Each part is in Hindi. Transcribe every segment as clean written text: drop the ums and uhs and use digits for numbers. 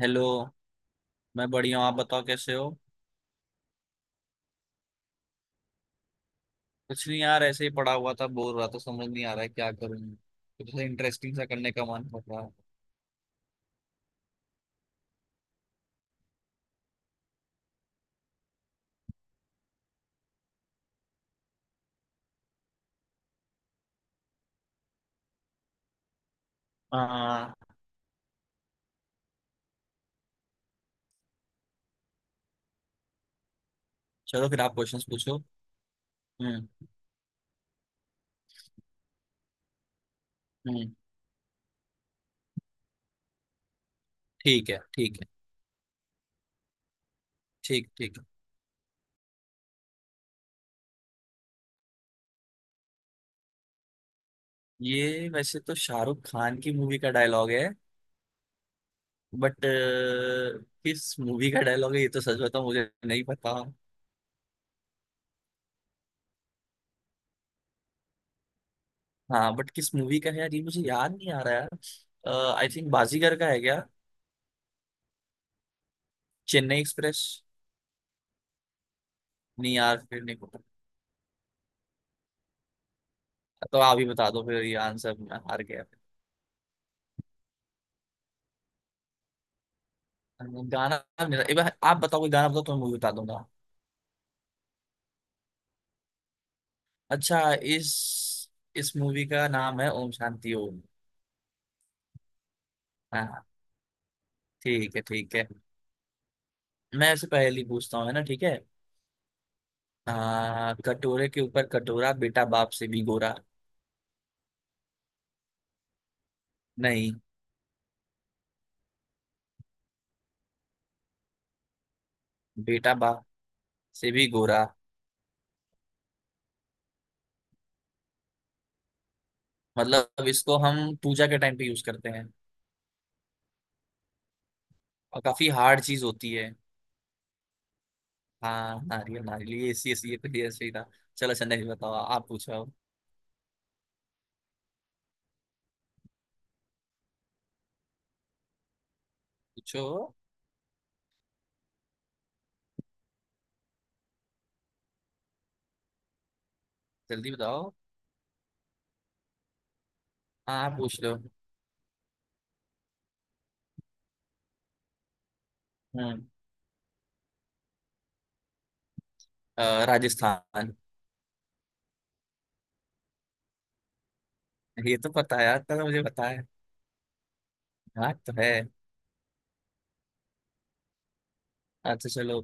हेलो। मैं बढ़िया हूँ, आप बताओ कैसे हो। कुछ नहीं यार, ऐसे ही पड़ा हुआ था, बोर रहा था, समझ नहीं आ रहा है क्या करूँ। कुछ इंटरेस्टिंग सा करने का मन कर रहा है। हाँ। चलो फिर आप क्वेश्चंस पूछो। हम्म। हम्म। ठीक है, ठीक है। ठीक ठीक है ये वैसे तो शाहरुख खान की मूवी का डायलॉग है। बट किस मूवी का डायलॉग है ये तो सच बताऊं, मुझे नहीं पता। हाँ, बट किस मूवी का है यार, ये मुझे याद नहीं आ रहा यार। आई थिंक बाजीगर का है क्या? चेन्नई एक्सप्रेस। नहीं यार, फिर नहीं। तो आप ही बता दो फिर, ये आंसर मैं हार गया। गाना। मेरा एक बार आप बताओ, कोई गाना बताओ तो मैं मूवी बता दूंगा। अच्छा, इस मूवी का नाम है ओम शांति ओम। हाँ। ठीक है, ठीक है। मैं ऐसे पहली पूछता हूँ, है ना? ठीक है। कटोरे के ऊपर कटोरा, बेटा बाप से भी गोरा। नहीं। बेटा बाप से भी गोरा। मतलब इसको हम पूजा के टाइम पे यूज करते हैं। और काफी हार्ड चीज होती है। हाँ, नारियल नारियल, ये ऐसी ऐसी। ये ऐसे ही था। चलो अच्छा, नहीं बताओ, आप पूछो। पूछो। जल्दी बताओ। हाँ, आप पूछ लो। हम्म राजस्थान। ये तो पता है यार, इतना तो मुझे पता है। हाँ तो है। अच्छा चलो।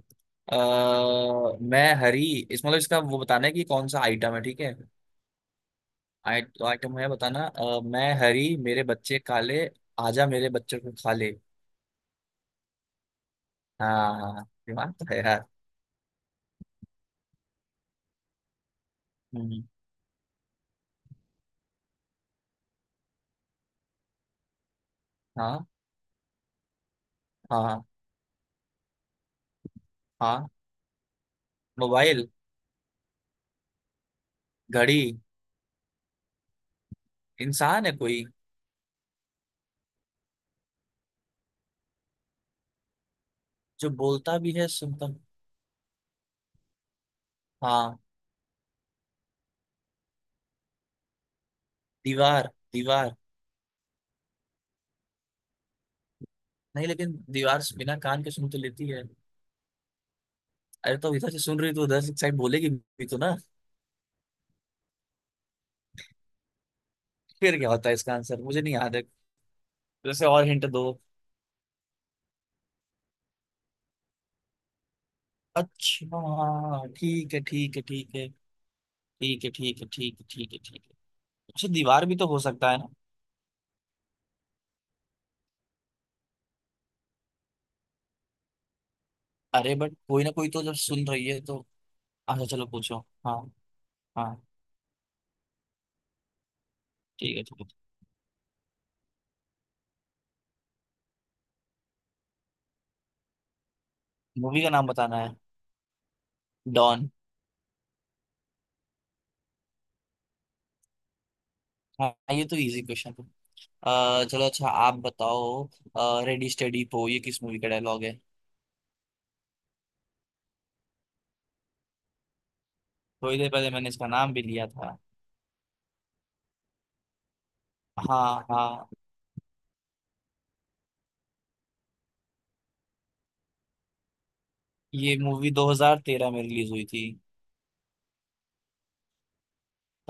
मैं हरी। इस मतलब इसका वो बताना है कि कौन सा आइटम है, ठीक है। तो आइटम है बताना। मैं हरी, मेरे बच्चे काले। आजा मेरे बच्चों को खा ले। हाँ, दिमाग तो है यार। हम्म। हाँ, हाँ, हाँ। मोबाइल। घड़ी। इंसान है कोई? जो बोलता भी है, सुनता। हाँ। दीवार। दीवार। नहीं, लेकिन। दीवार से बिना कान के सुन तो लेती है। अरे तो इधर से सुन रही तो उधर से साइड बोलेगी भी तो ना। फिर क्या होता है इसका आंसर? मुझे नहीं याद है। जैसे, और हिंट दो। अच्छा, ठीक है, ठीक है, ठीक है, ठीक है, ठीक है, ठीक है, ठीक है, ठीक है। अच्छा, दीवार भी तो हो सकता है ना। अरे बट कोई ना कोई तो जब सुन रही है तो। अच्छा चलो पूछो। हाँ। हाँ। ठीक है, ठीक है। मूवी का नाम बताना है। डॉन। हाँ, ये तो इजी क्वेश्चन है। चलो, अच्छा आप बताओ। रेडी स्टेडी पो, ये किस मूवी का डायलॉग है? थोड़ी देर पहले मैंने इसका नाम भी लिया था। हाँ, हाँ। ये मूवी 2013 में रिलीज हुई थी।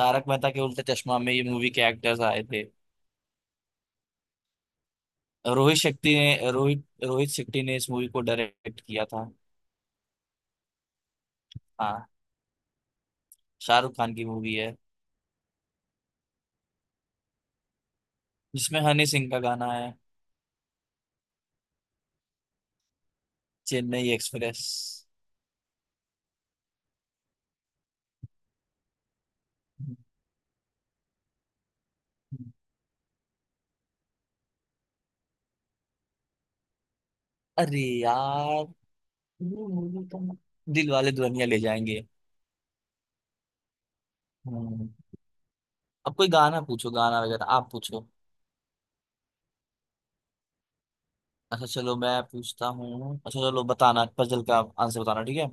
तारक मेहता के उल्टा चश्मा में ये मूवी के एक्टर्स आए थे। रोहित शेट्टी ने इस मूवी को डायरेक्ट किया था। हाँ, शाहरुख खान की मूवी है। जिसमें हनी सिंह का गाना है। चेन्नई एक्सप्रेस। अरे यार, ये मूवी तो दिल वाले दुल्हनिया ले जाएंगे। हम्म। अब कोई गाना पूछो, गाना वगैरह आप पूछो। अच्छा चलो, मैं पूछता हूँ। अच्छा चलो, बताना पजल का आंसर बताना, ठीक है।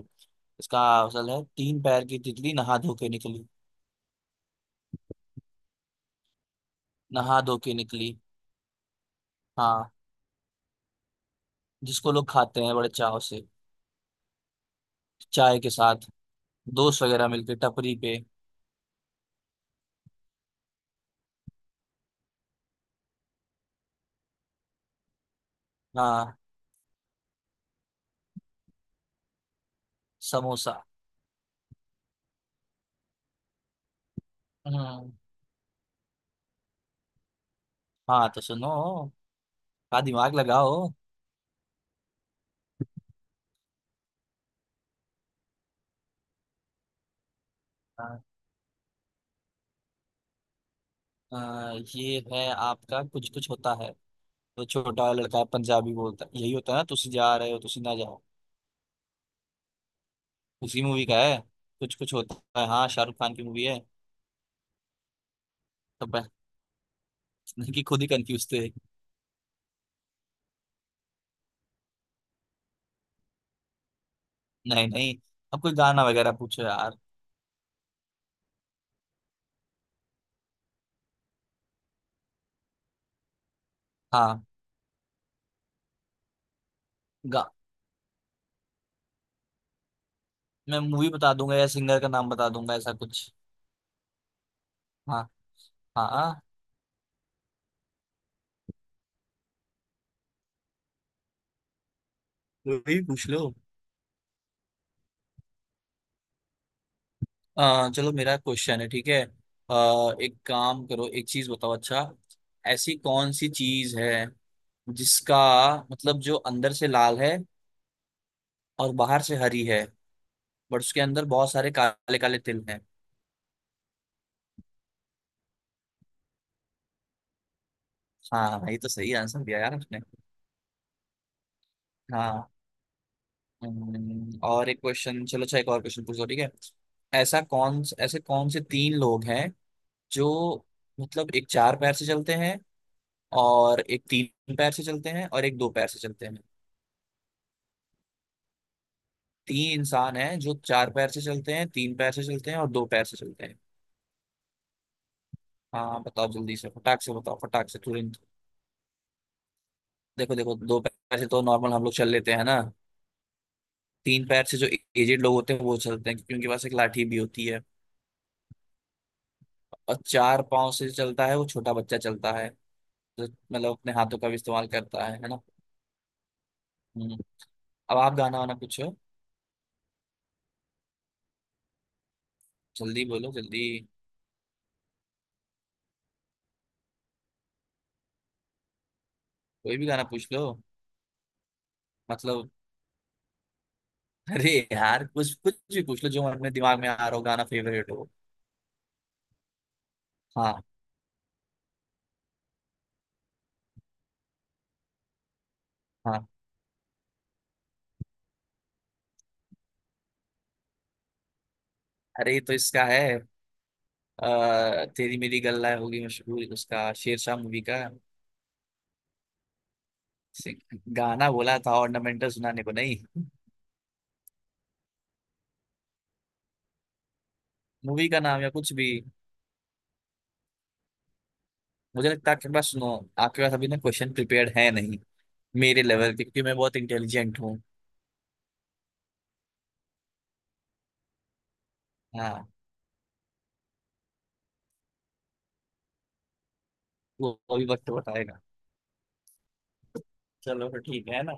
इसका, असल है तीन पैर की तितली नहा धो के निकली। नहा धो के निकली। हाँ। जिसको लोग खाते हैं बड़े चाव से। चाय के साथ। दोस्त वगैरह मिलके टपरी पे। हाँ। समोसा। हम्म। हाँ तो सुनो। का दिमाग लगाओ। हाँ। ये है आपका कुछ कुछ होता है। तो छोटा वाला लड़का है, पंजाबी बोलता है, यही होता है ना, तुसी जा रहे हो तुसी ना जाओ। उसी मूवी का है। कुछ कुछ होता है, हाँ शाहरुख खान की मूवी है। तो बस। कि खुद ही कंफ्यूज थे। नहीं, नहीं। अब कोई गाना वगैरह पूछो यार। हाँ। गा मैं मूवी बता दूंगा या सिंगर का नाम बता दूंगा, ऐसा कुछ। हाँ, हाँ, हाँ। कोई भी पूछ लो। चलो, मेरा क्वेश्चन है, ठीक है। एक काम करो, एक चीज बताओ अच्छा। ऐसी कौन सी चीज है, जिसका, मतलब जो अंदर से लाल है, और बाहर से हरी है, बट उसके अंदर बहुत सारे काले काले तिल हैं। हाँ, ये तो सही आंसर दिया यार आपने। हाँ। और एक क्वेश्चन चलो, अच्छा एक और क्वेश्चन पूछो, ठीक है। ऐसा कौन ऐसे कौन से तीन लोग हैं, जो, मतलब एक चार पैर से चलते हैं, और एक तीन पैर से चलते हैं और एक दो पैर से चलते हैं। तीन इंसान हैं जो चार पैर से चलते हैं, तीन पैर से चलते हैं और दो पैर से चलते हैं। हाँ बताओ जल्दी से, फटाक से बताओ, फटाक से तुरंत। देखो देखो, दो पैर से तो नॉर्मल हम लोग चल लेते हैं ना। तीन पैर से जो एजेड लोग होते हैं वो चलते हैं, क्योंकि उनके पास एक लाठी भी होती है। और चार पांव से चलता है, वो छोटा बच्चा चलता है। जो, मतलब अपने हाथों का भी इस्तेमाल करता है ना। हम्म। अब आप गाना वाना पूछो। जल्दी बोलो जल्दी। कोई भी गाना पूछ लो। मतलब। अरे यार, कुछ कुछ भी पूछ लो जो अपने दिमाग में आ रहा हो, गाना फेवरेट हो। हाँ। हाँ। अरे ये तो इसका है। तेरी मेरी गल्ला होगी मशहूर, उसका शेरशाह मूवी का। से- गाना बोला था, ऑर्नामेंटल सुनाने को नहीं। मूवी का नाम या कुछ भी। मुझे लगता है आपके पास, सुनो, आपके पास अभी ना क्वेश्चन प्रिपेयर्ड है नहीं, मेरे लेवल के, क्योंकि मैं बहुत इंटेलिजेंट हूँ। हाँ। वो अभी वक्त बताएगा। चलो फिर ठीक है ना।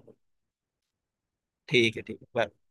ठीक है, ठीक है, बाय।